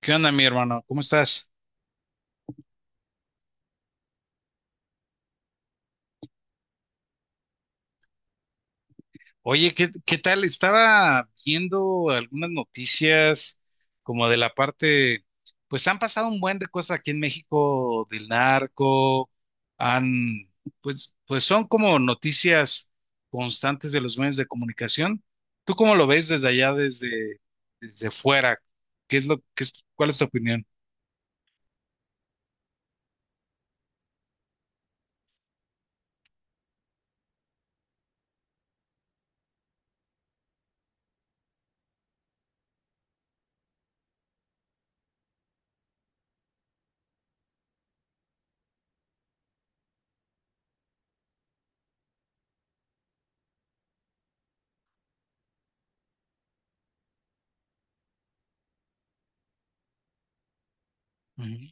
¿Qué onda, mi hermano? ¿Cómo estás? Oye, ¿qué tal? Estaba viendo algunas noticias como de la parte, pues han pasado un buen de cosas aquí en México del narco, han, pues son como noticias constantes de los medios de comunicación. ¿Tú cómo lo ves desde allá, desde fuera? ¿Qué es lo, qué es, cuál es tu opinión? Ujú.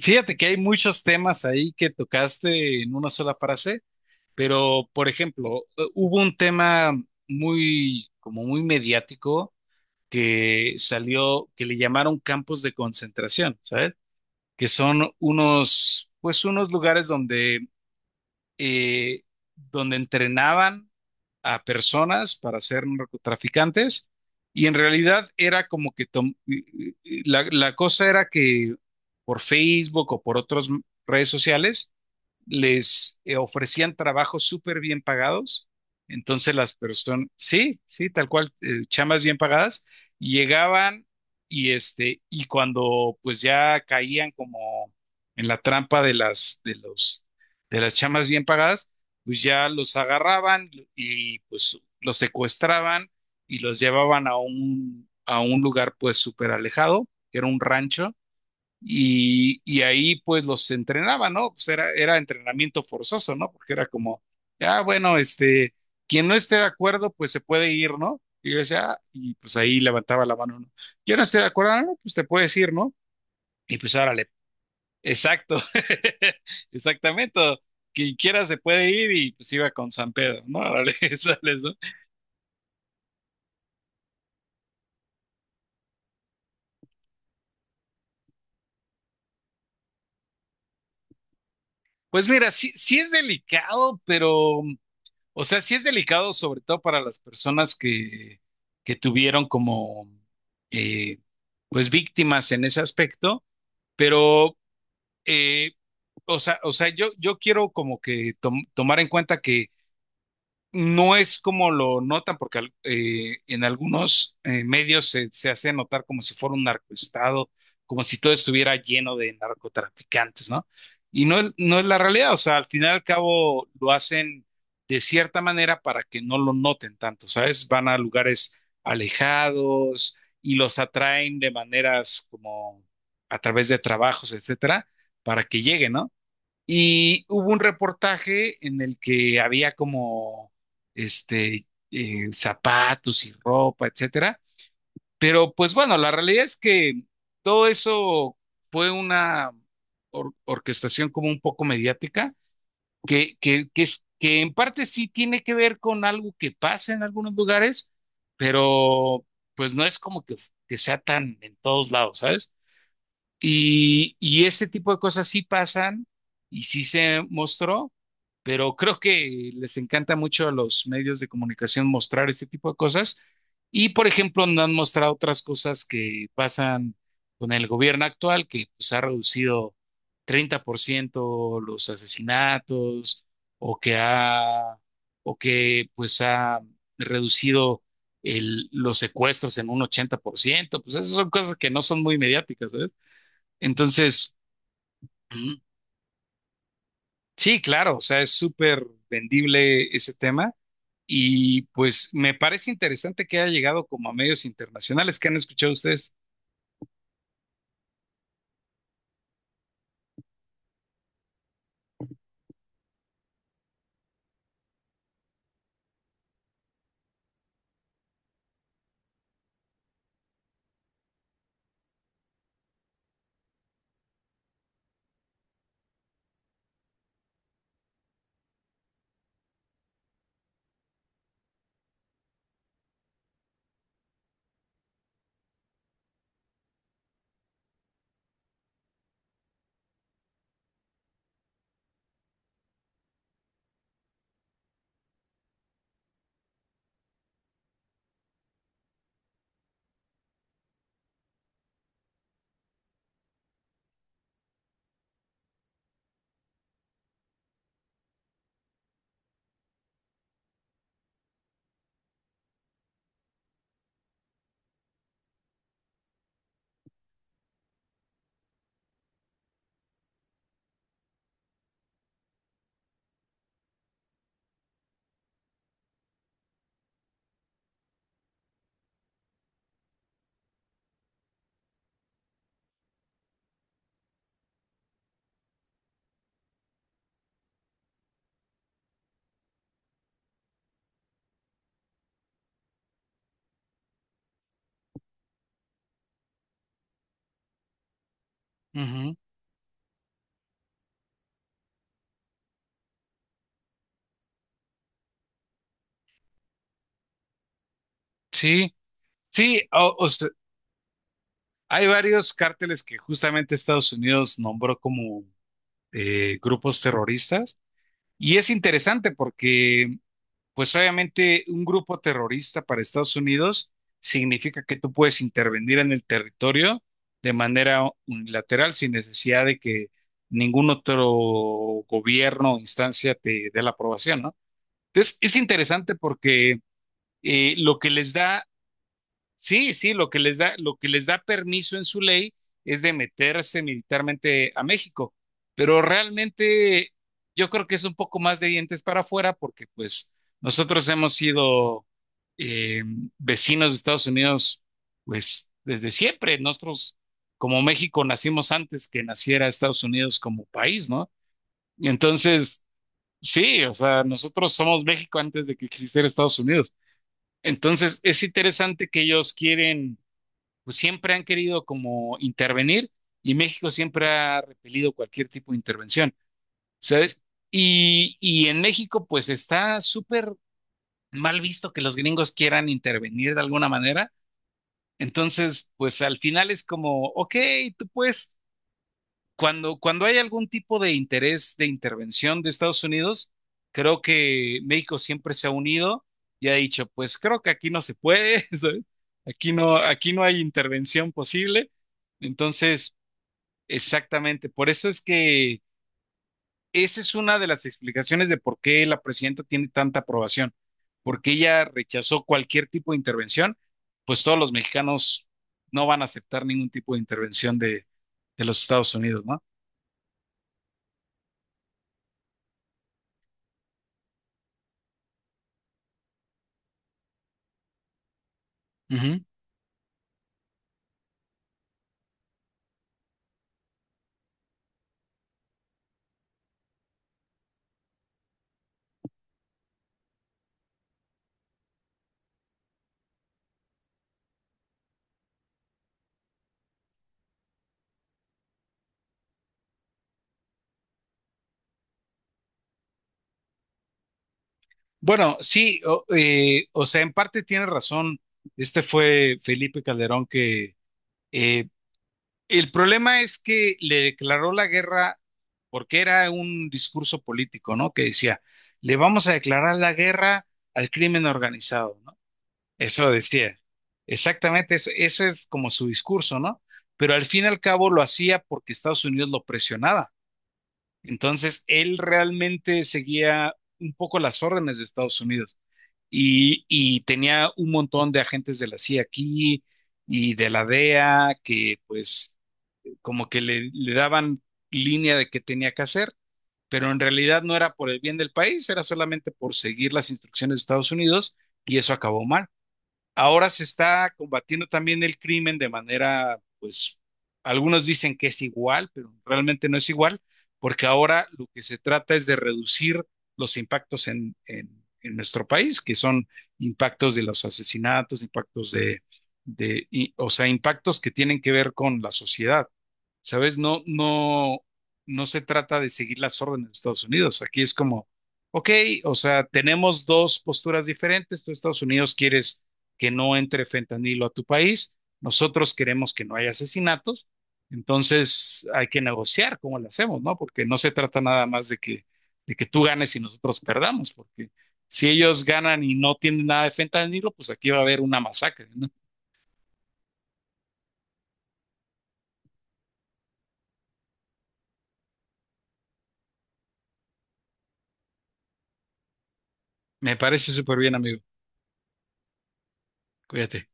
Fíjate que hay muchos temas ahí que tocaste en una sola frase. Pero, por ejemplo, hubo un tema muy, como muy mediático que salió, que le llamaron campos de concentración, ¿sabes? Que son unos, pues unos lugares donde, eh, donde entrenaban a personas para ser narcotraficantes, y en realidad era como que la cosa era que por Facebook o por otras redes sociales, les ofrecían trabajos súper bien pagados. Entonces las personas, sí, sí, tal cual, chamas bien pagadas, llegaban y y cuando pues ya caían como en la trampa de de las chamas bien pagadas, pues ya los agarraban y pues los secuestraban y los llevaban a a un lugar pues súper alejado, que era un rancho, y ahí pues los entrenaba, ¿no? Pues era entrenamiento forzoso, ¿no? Porque era como, ah, bueno, quien no esté de acuerdo, pues se puede ir, ¿no? Y yo decía, "Ah", y pues ahí levantaba la mano, ¿no? Yo no estoy de acuerdo. "Ah, no, pues te puedes ir, ¿no? Y pues órale". Exacto, exactamente, quien quiera se puede ir y pues iba con San Pedro, ¿no? Órale, sales, ¿no? Pues mira, sí, sí es delicado, pero, sí es delicado, sobre todo para las personas que, tuvieron como, eh, pues, víctimas en ese aspecto, pero, eh, o sea, yo quiero como que tomar en cuenta que no es como lo notan, porque en algunos medios se hace notar como si fuera un narcoestado, como si todo estuviera lleno de narcotraficantes, ¿no? Y no, no es la realidad. O sea, al final y al cabo lo hacen de cierta manera para que no lo noten tanto, ¿sabes? Van a lugares alejados y los atraen de maneras como a través de trabajos, etcétera, para que lleguen, ¿no? Y hubo un reportaje en el que había como zapatos y ropa, etcétera. Pero pues bueno, la realidad es que todo eso fue una orquestación como un poco mediática, que en parte sí tiene que ver con algo que pasa en algunos lugares, pero pues no es como que, sea tan en todos lados, ¿sabes? Y ese tipo de cosas sí pasan y sí se mostró, pero creo que les encanta mucho a los medios de comunicación mostrar ese tipo de cosas. Y, por ejemplo, no han mostrado otras cosas que pasan con el gobierno actual, que pues ha reducido 30% los asesinatos, o que ha, o que pues ha reducido los secuestros en un 80%. Pues esas son cosas que no son muy mediáticas, ¿eh? Entonces, Ujú, sí, claro, o sea, es súper vendible ese tema y pues me parece interesante que haya llegado como a medios internacionales. ¿Qué han escuchado ustedes? Ujú. Sí, sí, o sea, hay varios cárteles que justamente Estados Unidos nombró como grupos terroristas, y es interesante porque pues obviamente un grupo terrorista para Estados Unidos significa que tú puedes intervenir en el territorio de manera unilateral sin necesidad de que ningún otro gobierno o instancia te dé la aprobación, ¿no? Entonces, es interesante porque lo que les da sí, sí, lo que les da, permiso en su ley es de meterse militarmente a México, pero realmente yo creo que es un poco más de dientes para afuera, porque pues nosotros hemos sido eh, vecinos de Estados Unidos pues desde siempre. Nosotros como México nacimos antes que naciera Estados Unidos como país, ¿no? Y entonces, sí, o sea, nosotros somos México antes de que existiera Estados Unidos. Entonces, es interesante que ellos quieren, pues siempre han querido como intervenir, y México siempre ha repelido cualquier tipo de intervención, ¿sabes? Y en México pues está súper mal visto que los gringos quieran intervenir de alguna manera. Entonces, pues al final es como, ok, tú puedes, cuando hay algún tipo de interés de intervención de Estados Unidos, creo que México siempre se ha unido y ha dicho, pues creo que aquí no se puede, ¿sabes? Aquí no hay intervención posible. Entonces, exactamente, por eso es que esa es una de las explicaciones de por qué la presidenta tiene tanta aprobación, porque ella rechazó cualquier tipo de intervención, pues todos los mexicanos no van a aceptar ningún tipo de intervención de los Estados Unidos, ¿no? Ujú. Bueno, sí, o sea, en parte tiene razón. Este fue Felipe Calderón que, eh, el problema es que le declaró la guerra porque era un discurso político, ¿no? Que decía, le vamos a declarar la guerra al crimen organizado, ¿no? Eso decía. Exactamente, eso es como su discurso, ¿no? Pero al fin y al cabo lo hacía porque Estados Unidos lo presionaba. Entonces, él realmente seguía un poco las órdenes de Estados Unidos, y, tenía un montón de agentes de la CIA aquí y de la DEA, que pues como que le daban línea de qué tenía que hacer, pero en realidad no era por el bien del país, era solamente por seguir las instrucciones de Estados Unidos, y eso acabó mal. Ahora se está combatiendo también el crimen de manera, pues, algunos dicen que es igual, pero realmente no es igual, porque ahora lo que se trata es de reducir los impactos en, en nuestro país, que son impactos de los asesinatos, impactos o sea, impactos que tienen que ver con la sociedad. ¿Sabes? No, no, no se trata de seguir las órdenes de Estados Unidos. Aquí es como, ok, o sea, tenemos dos posturas diferentes. Tú, Estados Unidos, quieres que no entre fentanilo a tu país. Nosotros queremos que no haya asesinatos. Entonces hay que negociar cómo lo hacemos, ¿no? Porque no se trata nada más de que, tú ganes y nosotros perdamos, porque si ellos ganan y no tienen nada de fentanilo, pues aquí va a haber una masacre, ¿no? Me parece súper bien, amigo. Cuídate.